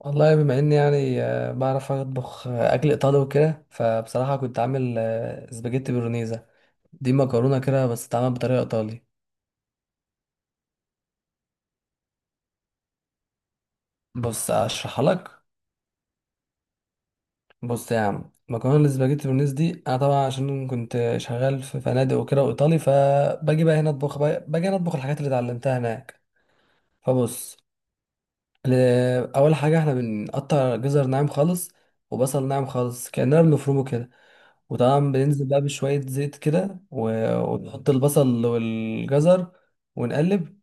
والله بما اني يعني بعرف اطبخ اكل ايطالي وكده. فبصراحه كنت عامل سباجيتي بولونيزا. دي مكرونه كده بس اتعملت بطريقه ايطالي. بص اشرحها لك. بص يا عم، مكرونه السباجيتي بولونيزا دي انا طبعا عشان كنت شغال في فنادق وكده وايطالي، فباجي بقى هنا باجي هنا اطبخ الحاجات اللي اتعلمتها هناك. فبص. ل- اول حاجه احنا بنقطع جزر ناعم خالص، وبصل ناعم خالص كاننا بنفرمه كده. وطبعا بننزل بقى بشوية زيت كده ونحط البصل والجزر، ونقلب.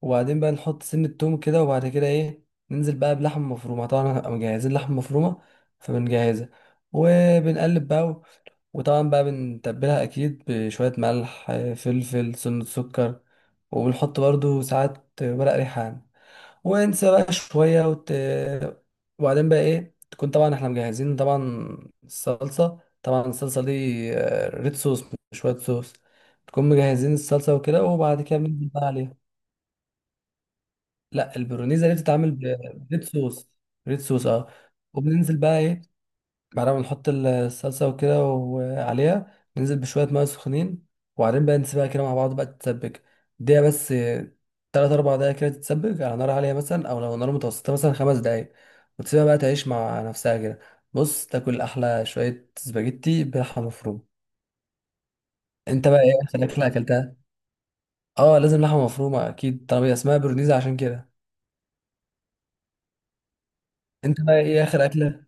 وبعدين بقى نحط سن التوم كده، وبعد كده ايه، ننزل بقى بلحمة مفرومة. طبعا هنبقى مجهزين لحمة مفرومة، فبنجهزها، وبنقلب بقى وطبعا بقى بنتبلها أكيد بشوية ملح، فلفل، سنة، سكر. وبنحط برضو ساعات ورق ريحان، وانسى بقى شوية وبعدين بقى ايه، تكون طبعا احنا مجهزين طبعا الصلصة. طبعا الصلصة دي، ريد صوص، مش وايت صوص. تكون مجهزين الصلصة وكده، وبعد كده بننزل بقى عليها. لا البرونيزا دي بتتعمل بريد صوص. ريد صوص اه. وبننزل بقى ايه، بعد ما نحط الصلصة وكده وعليها، ننزل بشوية مية سخنين. وبعدين بقى نسيبها كده مع بعض بقى تتسبك. دقيقة بس، تلات أربع دقايق كده تتسبك على نار عالية مثلا، أو لو نار متوسطة مثلا 5 دقايق. وتسيبها بقى تعيش مع نفسها كده. بص، تاكل أحلى شوية سباجيتي بلحمة مفرومة. أنت بقى إيه آخر أكلة أكلتها؟ أه لازم لحمة مفرومة أكيد طالما هي اسمها برونيزا، عشان كده. أنت بقى إيه آخر أكلة؟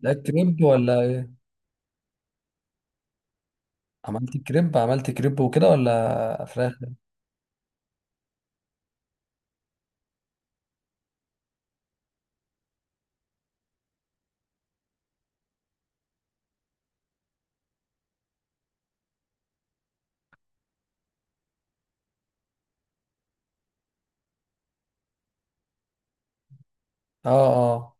لا كريب ولا إيه؟ عملت كريب وكده، ولا فراخ؟ أه أه.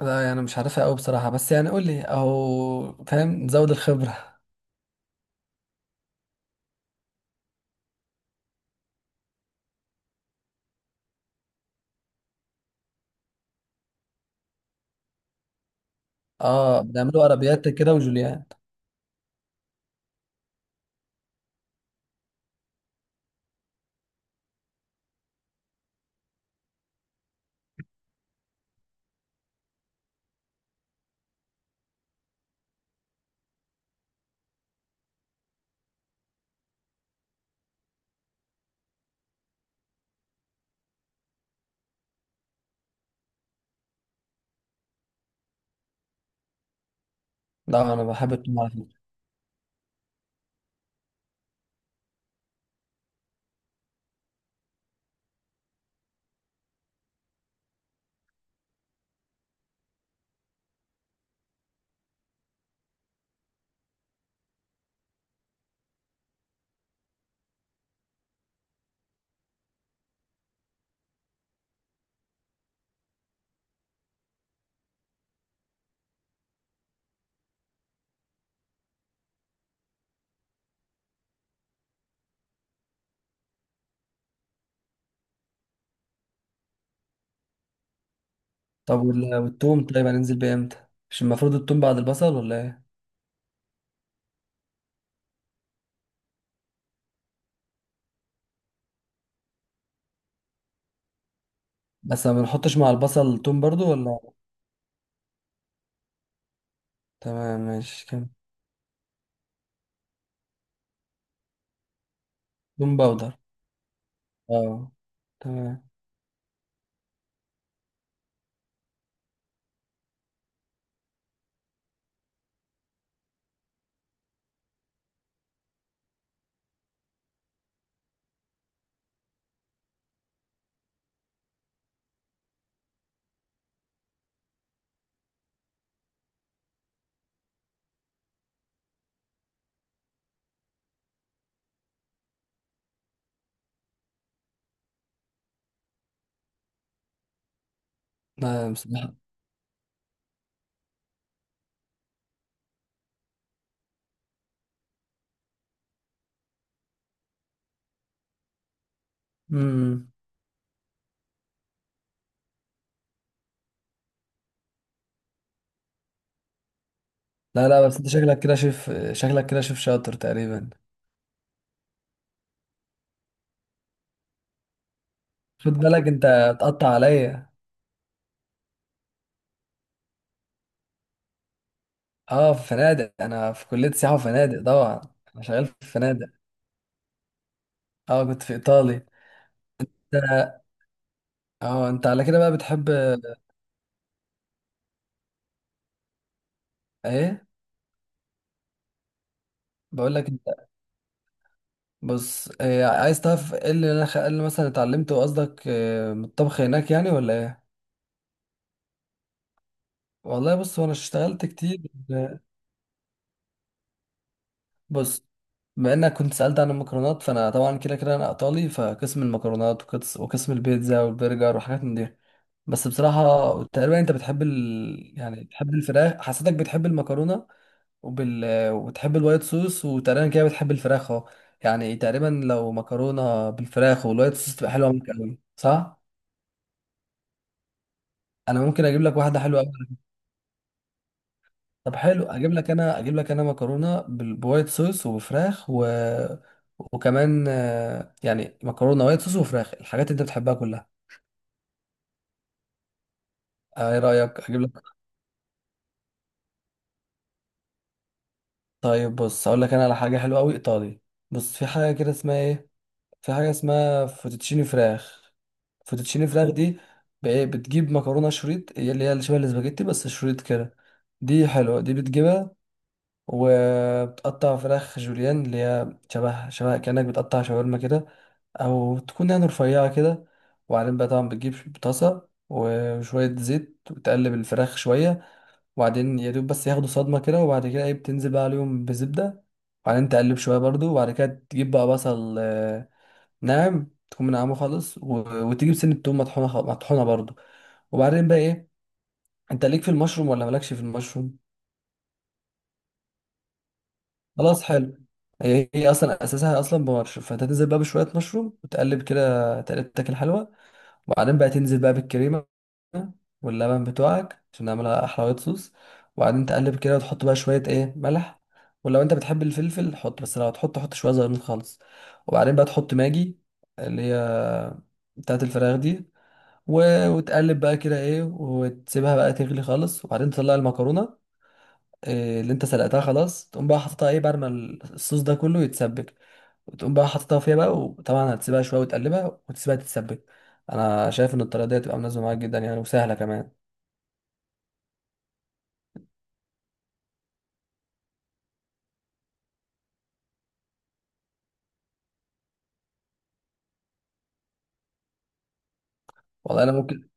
لا يعني مش عارفها قوي بصراحة، بس يعني قول لي اهو، فاهم، نزود الخبرة. اه بنعملوا عربيات كده، وجوليان. لا انا بحب التوم على فكرة. طب والتوم طيب هننزل بيه امتى؟ مش المفروض التوم بعد البصل ولا ايه؟ بس ما بنحطش مع البصل توم برضو ولا؟ تمام ماشي كم. توم باودر. اه. تمام. لا بصراحة. امم. لا لا، بس انت شكلك كده شيف، شكلك كده شيف شاطر تقريبا. خد بالك انت تقطع عليا. اه في فنادق، انا في كلية سياحة وفنادق طبعا. انا شغال في فنادق. اه كنت في ايطالي. ده- اه انت على كده بقى بتحب ايه؟ بقول لك انت، بص إيه عايز تعرف؟ ايه اللي إيه اللي مثلا اتعلمته قصدك إيه، من الطبخ هناك يعني ولا ايه؟ والله بص، وانا اشتغلت كتير. بص، بما انك كنت سألت عن المكرونات، فانا طبعا كده كده انا ايطالي، فقسم المكرونات وقسم البيتزا والبرجر وحاجات من دي. بس بصراحة، تقريبا انت بتحب يعني بتحب الفراخ، حسيتك بتحب المكرونة، وبال... وبتحب الوايت صوص، وتقريبا كده بتحب الفراخ اهو. يعني تقريبا لو مكرونه بالفراخ والوايت صوص، تبقى حلوه معاك قوي صح؟ انا ممكن اجيب لك واحده حلوه قوي. طب حلو، اجيب لك انا مكرونه بوايت صوص وفراخ و... وكمان يعني مكرونه وايت صوص وفراخ، الحاجات اللي انت بتحبها كلها. ايه رايك اجيب لك؟ طيب بص اقول لك انا على حاجه حلوه قوي ايطالي. بص في حاجه كده اسمها ايه، في حاجة اسمها فوتوتشيني فراخ. فوتوتشيني فراخ دي، إيه، بتجيب مكرونة شريط، هي اللي شبه الاسباجيتي بس شريط كده. دي حلوة، دي بتجيبها. وبتقطع فراخ جوليان اللي هي شبه شبه كأنك بتقطع شاورما كده، أو تكون يعني رفيعة كده. وبعدين بقى طبعا بتجيب طاسة وشوية زيت، وتقلب الفراخ شوية. وبعدين يا دوب بس ياخدوا صدمة كده، وبعد كده ايه، بتنزل بقى عليهم بزبدة. وبعدين تقلب شوية برضو، وبعد كده تجيب بقى بصل ناعم، تكون منعمه خالص، و... وتجيب سن التوم مطحونه، مطحونه برضو. وبعدين بقى ايه، انت ليك في المشروم ولا مالكش في المشروم؟ خلاص حلو. هي اصلا اساسها اصلا بمشروم، فانت تنزل بقى بشويه مشروم، وتقلب كده تقلبتك الحلوه. وبعدين بقى تنزل بقى بالكريمه واللبن بتوعك، عشان نعملها احلى وايت صوص. وبعدين تقلب كده، وتحط بقى شويه ايه ملح. ولو انت بتحب الفلفل حط، بس لو هتحط، حط شويه زيتون خالص. وبعدين بقى تحط ماجي، اللي هي بتاعت الفراخ دي. وتقلب بقى كده ايه، وتسيبها بقى تغلي خالص. وبعدين تطلع المكرونه إيه اللي انت سلقتها، خلاص تقوم بقى حاططها ايه بعد ما الصوص ده كله يتسبك. وتقوم بقى حاططها فيها بقى، وطبعا هتسيبها شويه وتقلبها وتسيبها تتسبك. انا شايف ان الطريقه دي هتبقى مناسبه معاك جدا يعني، وسهله كمان. والله انا ممكن.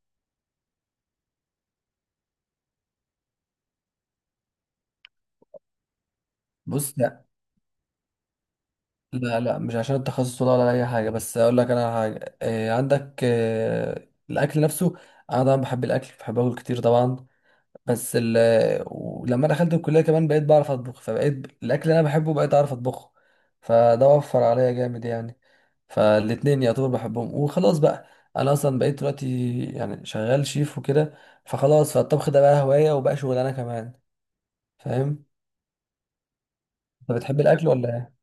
بص، لا. لا لا مش عشان التخصص، ولا اي حاجه. بس اقول لك انا على حاجه، إيه عندك إيه الاكل نفسه؟ انا طبعا بحب الاكل، بحب اكل كتير طبعا. بس ولما دخلت الكلية كمان بقيت بعرف أطبخ، فبقيت الأكل اللي أنا بحبه بقيت أعرف أطبخه. فده وفر عليا جامد يعني. فالاتنين يعتبر بحبهم، وخلاص بقى. أنا أصلا بقيت دلوقتي يعني شغال شيف وكده، فخلاص فالطبخ ده بقى هواية وبقى شغلانة كمان. فاهم؟ أنت بتحب الأكل ولا إيه؟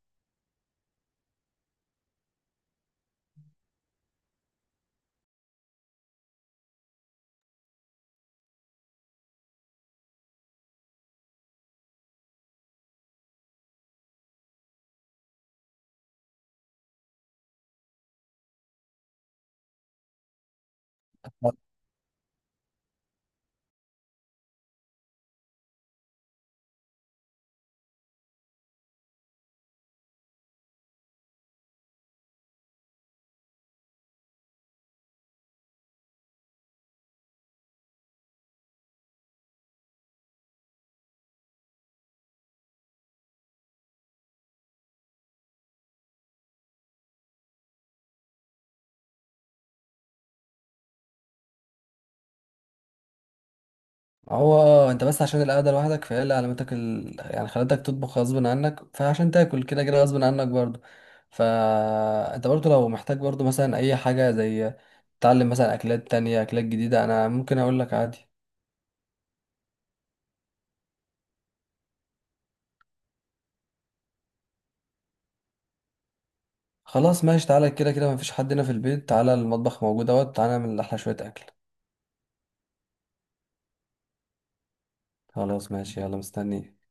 هو اه انت بس عشان القعده لوحدك، فهي اللي علمتك يعني خلتك تطبخ غصب عنك، فعشان تاكل كده كده غصب عنك برضو. فانت برضو لو محتاج برضو مثلا اي حاجه، زي تتعلم مثلا اكلات تانية، اكلات جديده، انا ممكن اقول لك عادي. خلاص ماشي، تعالى، كده كده مفيش حد هنا في البيت، تعالى المطبخ موجود اهوت، تعالى نعمل احلى شويه اكل. خلاص ماشي يلا مستنيك.